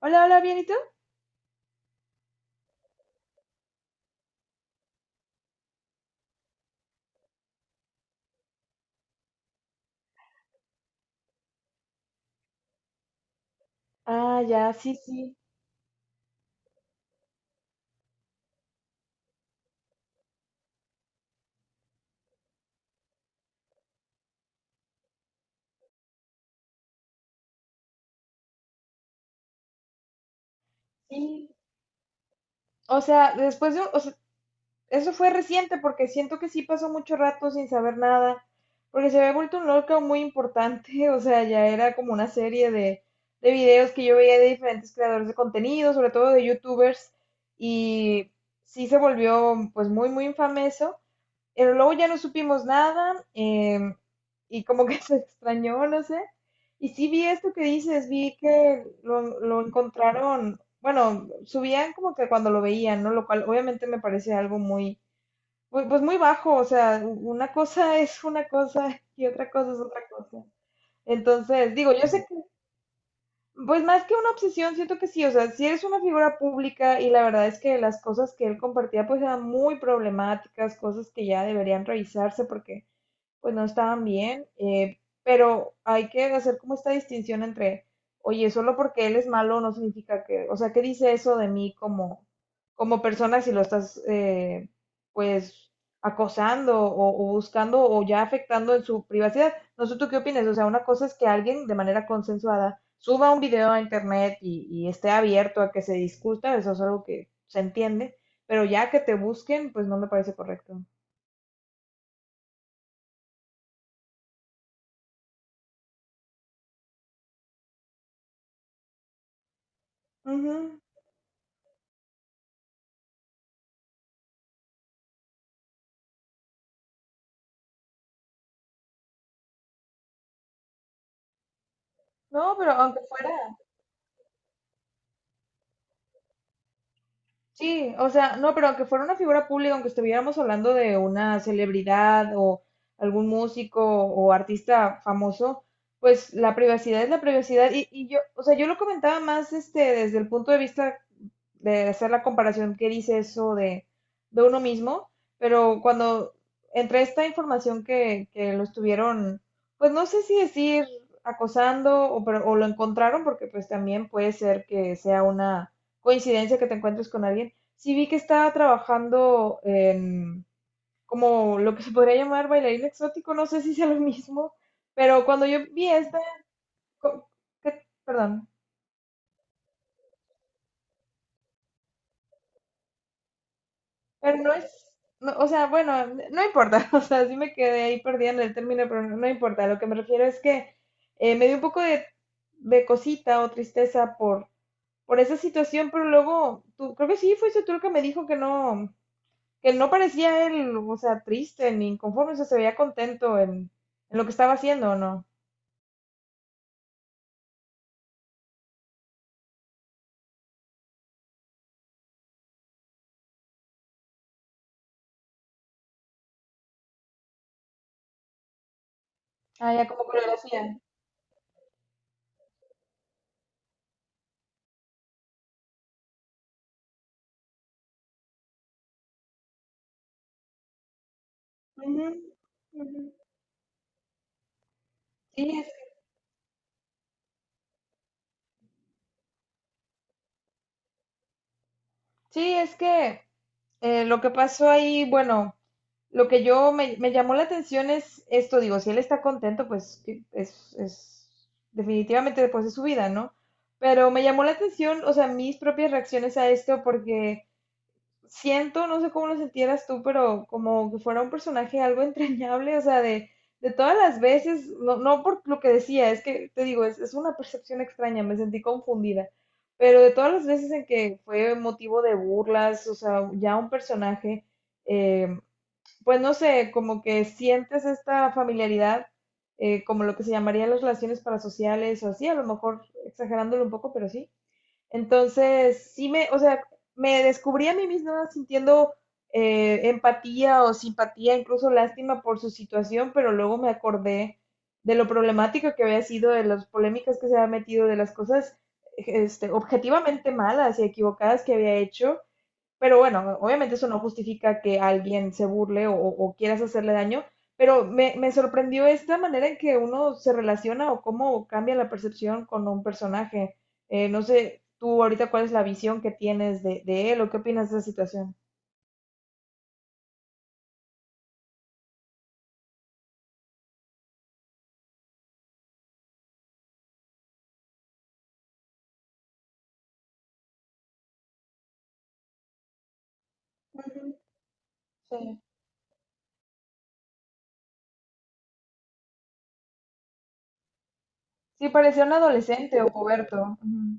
Hola, hola, ¿bien y tú? Ah, ya, sí, sí, sí. O sea, después de, eso fue reciente porque siento que sí pasó mucho rato sin saber nada, porque se había vuelto un lockout muy importante, o sea, ya era como una serie de videos que yo veía de diferentes creadores de contenido, sobre todo de youtubers, y sí se volvió pues muy infame eso, pero luego ya no supimos nada, y como que se extrañó, no sé, y sí vi esto que dices, vi que lo encontraron, bueno, subían como que cuando lo veían, ¿no? Lo cual obviamente me parece algo muy pues, pues muy bajo, o sea, una cosa es una cosa y otra cosa es otra cosa. Entonces, digo, yo sé que, pues más que una obsesión, siento que sí, o sea, si eres una figura pública y la verdad es que las cosas que él compartía pues eran muy problemáticas, cosas que ya deberían revisarse porque pues no estaban bien, pero hay que hacer como esta distinción entre, oye, solo porque él es malo no significa que, o sea, ¿qué dice eso de mí como, como persona si lo estás, pues, acosando o buscando o ya afectando en su privacidad? No sé tú qué opinas, o sea, una cosa es que alguien de manera consensuada suba un video a internet y esté abierto a que se discuta, eso es algo que se entiende, pero ya que te busquen, pues no me parece correcto. Ujú. No, pero aunque fuera... Sí, o sea, no, pero aunque fuera una figura pública, aunque estuviéramos hablando de una celebridad o algún músico o artista famoso, pues la privacidad es la privacidad. Y yo, o sea, yo lo comentaba más este, desde el punto de vista de hacer la comparación que dice eso de uno mismo, pero cuando entre esta información que lo estuvieron, pues no sé si decir acosando o lo encontraron, porque pues también puede ser que sea una coincidencia que te encuentres con alguien. Sí vi que estaba trabajando en como lo que se podría llamar bailarín exótico, no sé si sea lo mismo, pero cuando yo vi esta, co- perdón. Pero no es, no, o sea, bueno, no importa, o sea, sí me quedé ahí perdida en el término, pero no importa. Lo que me refiero es que me dio un poco de cosita o tristeza por esa situación, pero luego, tú, creo que sí, fuiste tú el que me dijo que no parecía él, o sea, triste ni inconforme, o sea, se veía contento en lo que estaba haciendo, ¿o no? Ah, ya como coreografía lo... Ujú, ujú. Sí, sí, es que lo que pasó ahí, bueno, lo que yo me llamó la atención es esto, digo, si él está contento, pues que es definitivamente después de su vida, ¿no? Pero me llamó la atención, o sea, mis propias reacciones a esto porque siento, no sé cómo lo sentieras tú, pero como que fuera un personaje algo entrañable, o sea, de todas las veces, no por lo que decía, es que te digo, es una percepción extraña, me sentí confundida, pero de todas las veces en que fue motivo de burlas, o sea, ya un personaje, eh, pues no sé, como que sientes esta familiaridad, como lo que se llamaría las relaciones parasociales o así, a lo mejor exagerándolo un poco, pero sí. Entonces, sí me, o sea, me descubrí a mí misma sintiendo empatía o simpatía, incluso lástima por su situación, pero luego me acordé de lo problemático que había sido, de las polémicas que se había metido, de las cosas este, objetivamente malas y equivocadas que había hecho. Pero bueno, obviamente eso no justifica que alguien se burle o quieras hacerle daño, pero me sorprendió esta manera en que uno se relaciona o cómo cambia la percepción con un personaje. No sé, tú ahorita cuál es la visión que tienes de él o qué opinas de esa situación. Ujú, sí, sí, parecía un adolescente o puberto. Ujú,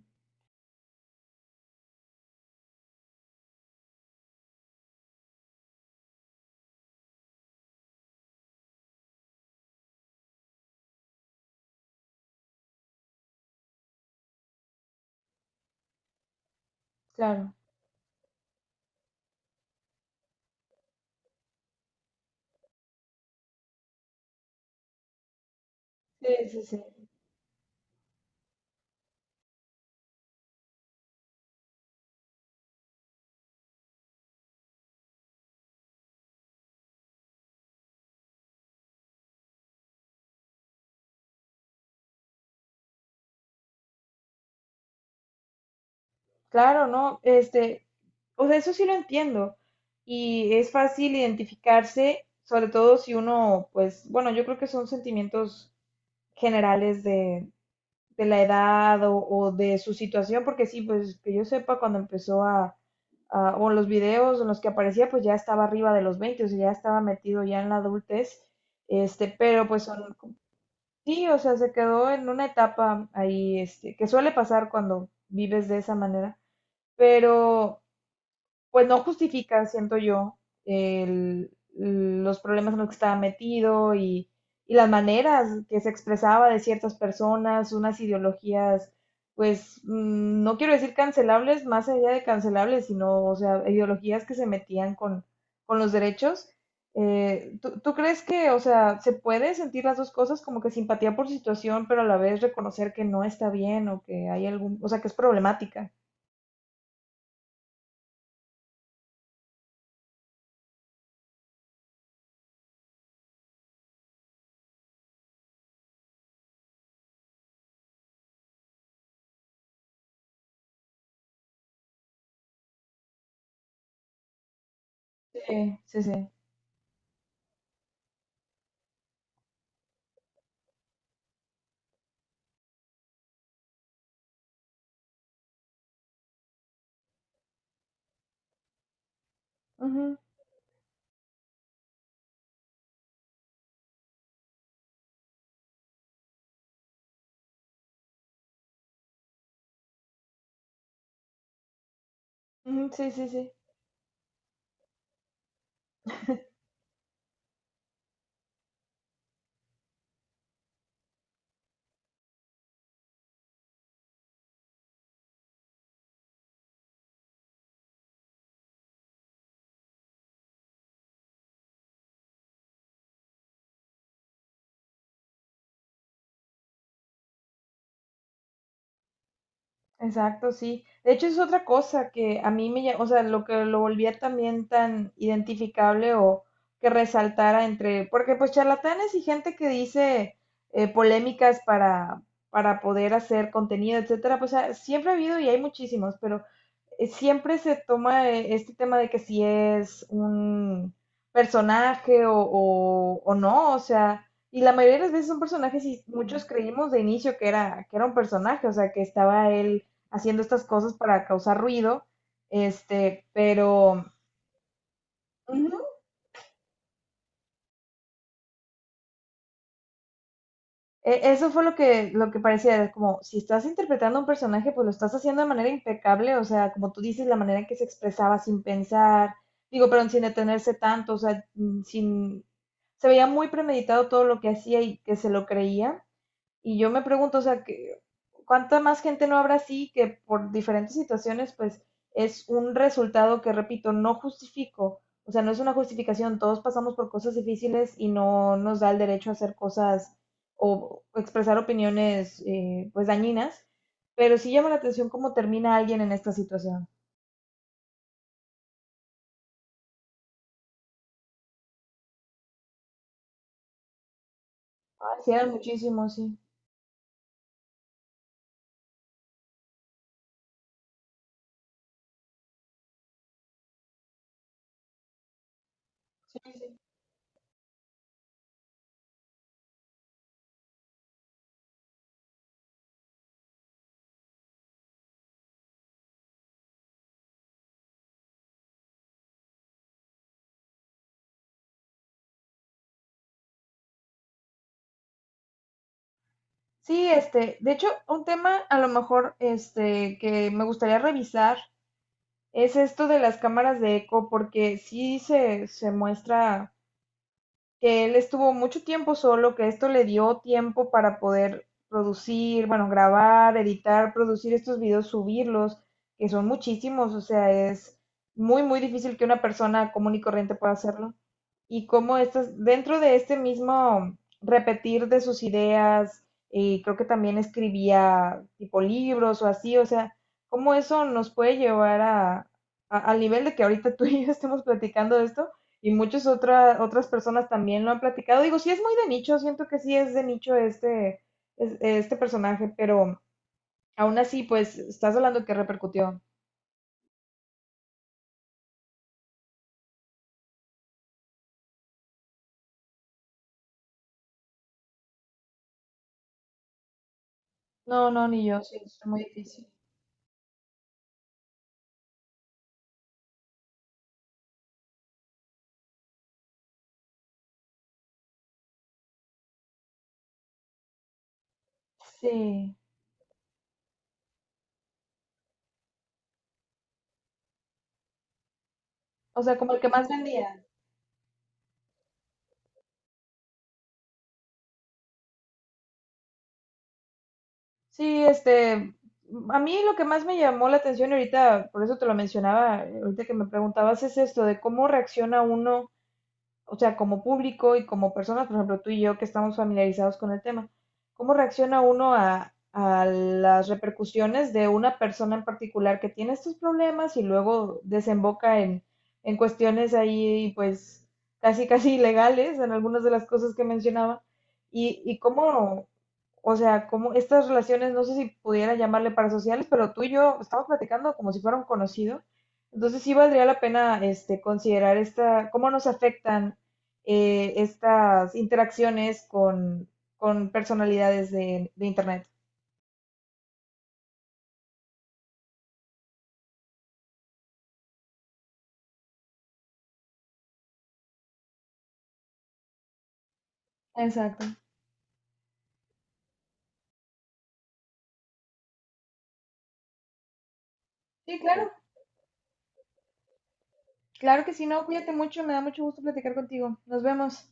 claro, sí, sí, sí. Claro, ¿no? Este, o sea, eso sí lo entiendo. Y es fácil identificarse, sobre todo si uno, pues, bueno, yo creo que son sentimientos generales de la edad o de su situación, porque sí, pues que yo sepa, cuando empezó a, o en los videos en los que aparecía, pues ya estaba arriba de los 20 o sea, ya estaba metido ya en la adultez, este, pero pues son, sí, o sea, se quedó en una etapa ahí, este, que suele pasar cuando vives de esa manera, pero pues no justifica siento yo, el- los problemas en los que estaba metido y las maneras que se expresaba de ciertas personas, unas ideologías, pues no quiero decir cancelables, más allá de cancelables, sino, o sea, ideologías que se metían con los derechos. ¿ tú crees que, o sea, se puede sentir las dos cosas como que simpatía por su situación, pero a la vez reconocer que no está bien o que hay algún, o sea, ¿que es problemática? Sí, sí, sí. Ujú. Ujú, sí, sí, sí. Exacto, sí. De hecho, es otra cosa que a mí me, o sea, lo que lo volvía también tan identificable o que resaltara entre, porque pues charlatanes y gente que dice polémicas para poder hacer contenido, etcétera, pues ah, siempre ha habido y hay muchísimos, pero siempre se toma este tema de que si es un personaje o no, o sea, y la mayoría de las veces son personajes y muchos creímos de inicio que era un personaje, o sea, que estaba él haciendo estas cosas para causar ruido, este, pero ujú, eso fue lo que parecía, era como si estás interpretando a un personaje, pues lo estás haciendo de manera impecable, o sea, como tú dices, la manera en que se expresaba sin pensar, digo, pero sin detenerse tanto, o sea, sin, se veía muy premeditado todo lo que hacía y que se lo creía. Y yo me pregunto, o sea, que, ¿cuánta más gente no habrá así que por diferentes situaciones, pues es un resultado que, repito, no justifico? O sea, no es una justificación, todos pasamos por cosas difíciles y no nos da el derecho a hacer cosas o expresar opiniones pues dañinas, pero sí llama la atención cómo termina alguien en esta situación. Ay, sí, eran sí. Muchísimos, sí. Sí, este, de hecho, un tema a lo mejor este que me gustaría revisar es esto de las cámaras de eco, porque sí se muestra que él estuvo mucho tiempo solo, que esto le dio tiempo para poder producir, bueno, grabar, editar, producir estos videos, subirlos, que son muchísimos, o sea, es muy difícil que una persona común y corriente pueda hacerlo. Y cómo estas, dentro de este mismo repetir de sus ideas, y creo que también escribía tipo libros o así, o sea, cómo eso nos puede llevar a, al nivel de que ahorita tú y yo estemos platicando de esto, y muchas otras personas también lo han platicado. Digo, sí es muy de nicho, siento que sí es de nicho este, este personaje, pero aún así, pues, estás hablando que repercutió. No, no, ni yo, sí, es muy difícil. Sí, o sea, como el que más vendía. Sí, este, a mí lo que más me llamó la atención y ahorita, por eso te lo mencionaba, ahorita que me preguntabas, es esto de cómo reacciona uno o sea, como público y como personas, por ejemplo, tú y yo que estamos familiarizados con el tema, ¿cómo reacciona uno a las repercusiones de una persona en particular que tiene estos problemas y luego desemboca en cuestiones ahí, pues, casi, casi ilegales en algunas de las cosas que mencionaba? Y cómo, o sea, cómo estas relaciones, no sé si pudiera llamarle parasociales, pero tú y yo estamos platicando como si fuera un conocido. Entonces sí valdría la pena este, considerar esta, cómo nos afectan estas interacciones con personalidades de Internet. Exacto. Sí, claro. Claro que sí, no, cuídate mucho, me da mucho gusto platicar contigo. Nos vemos.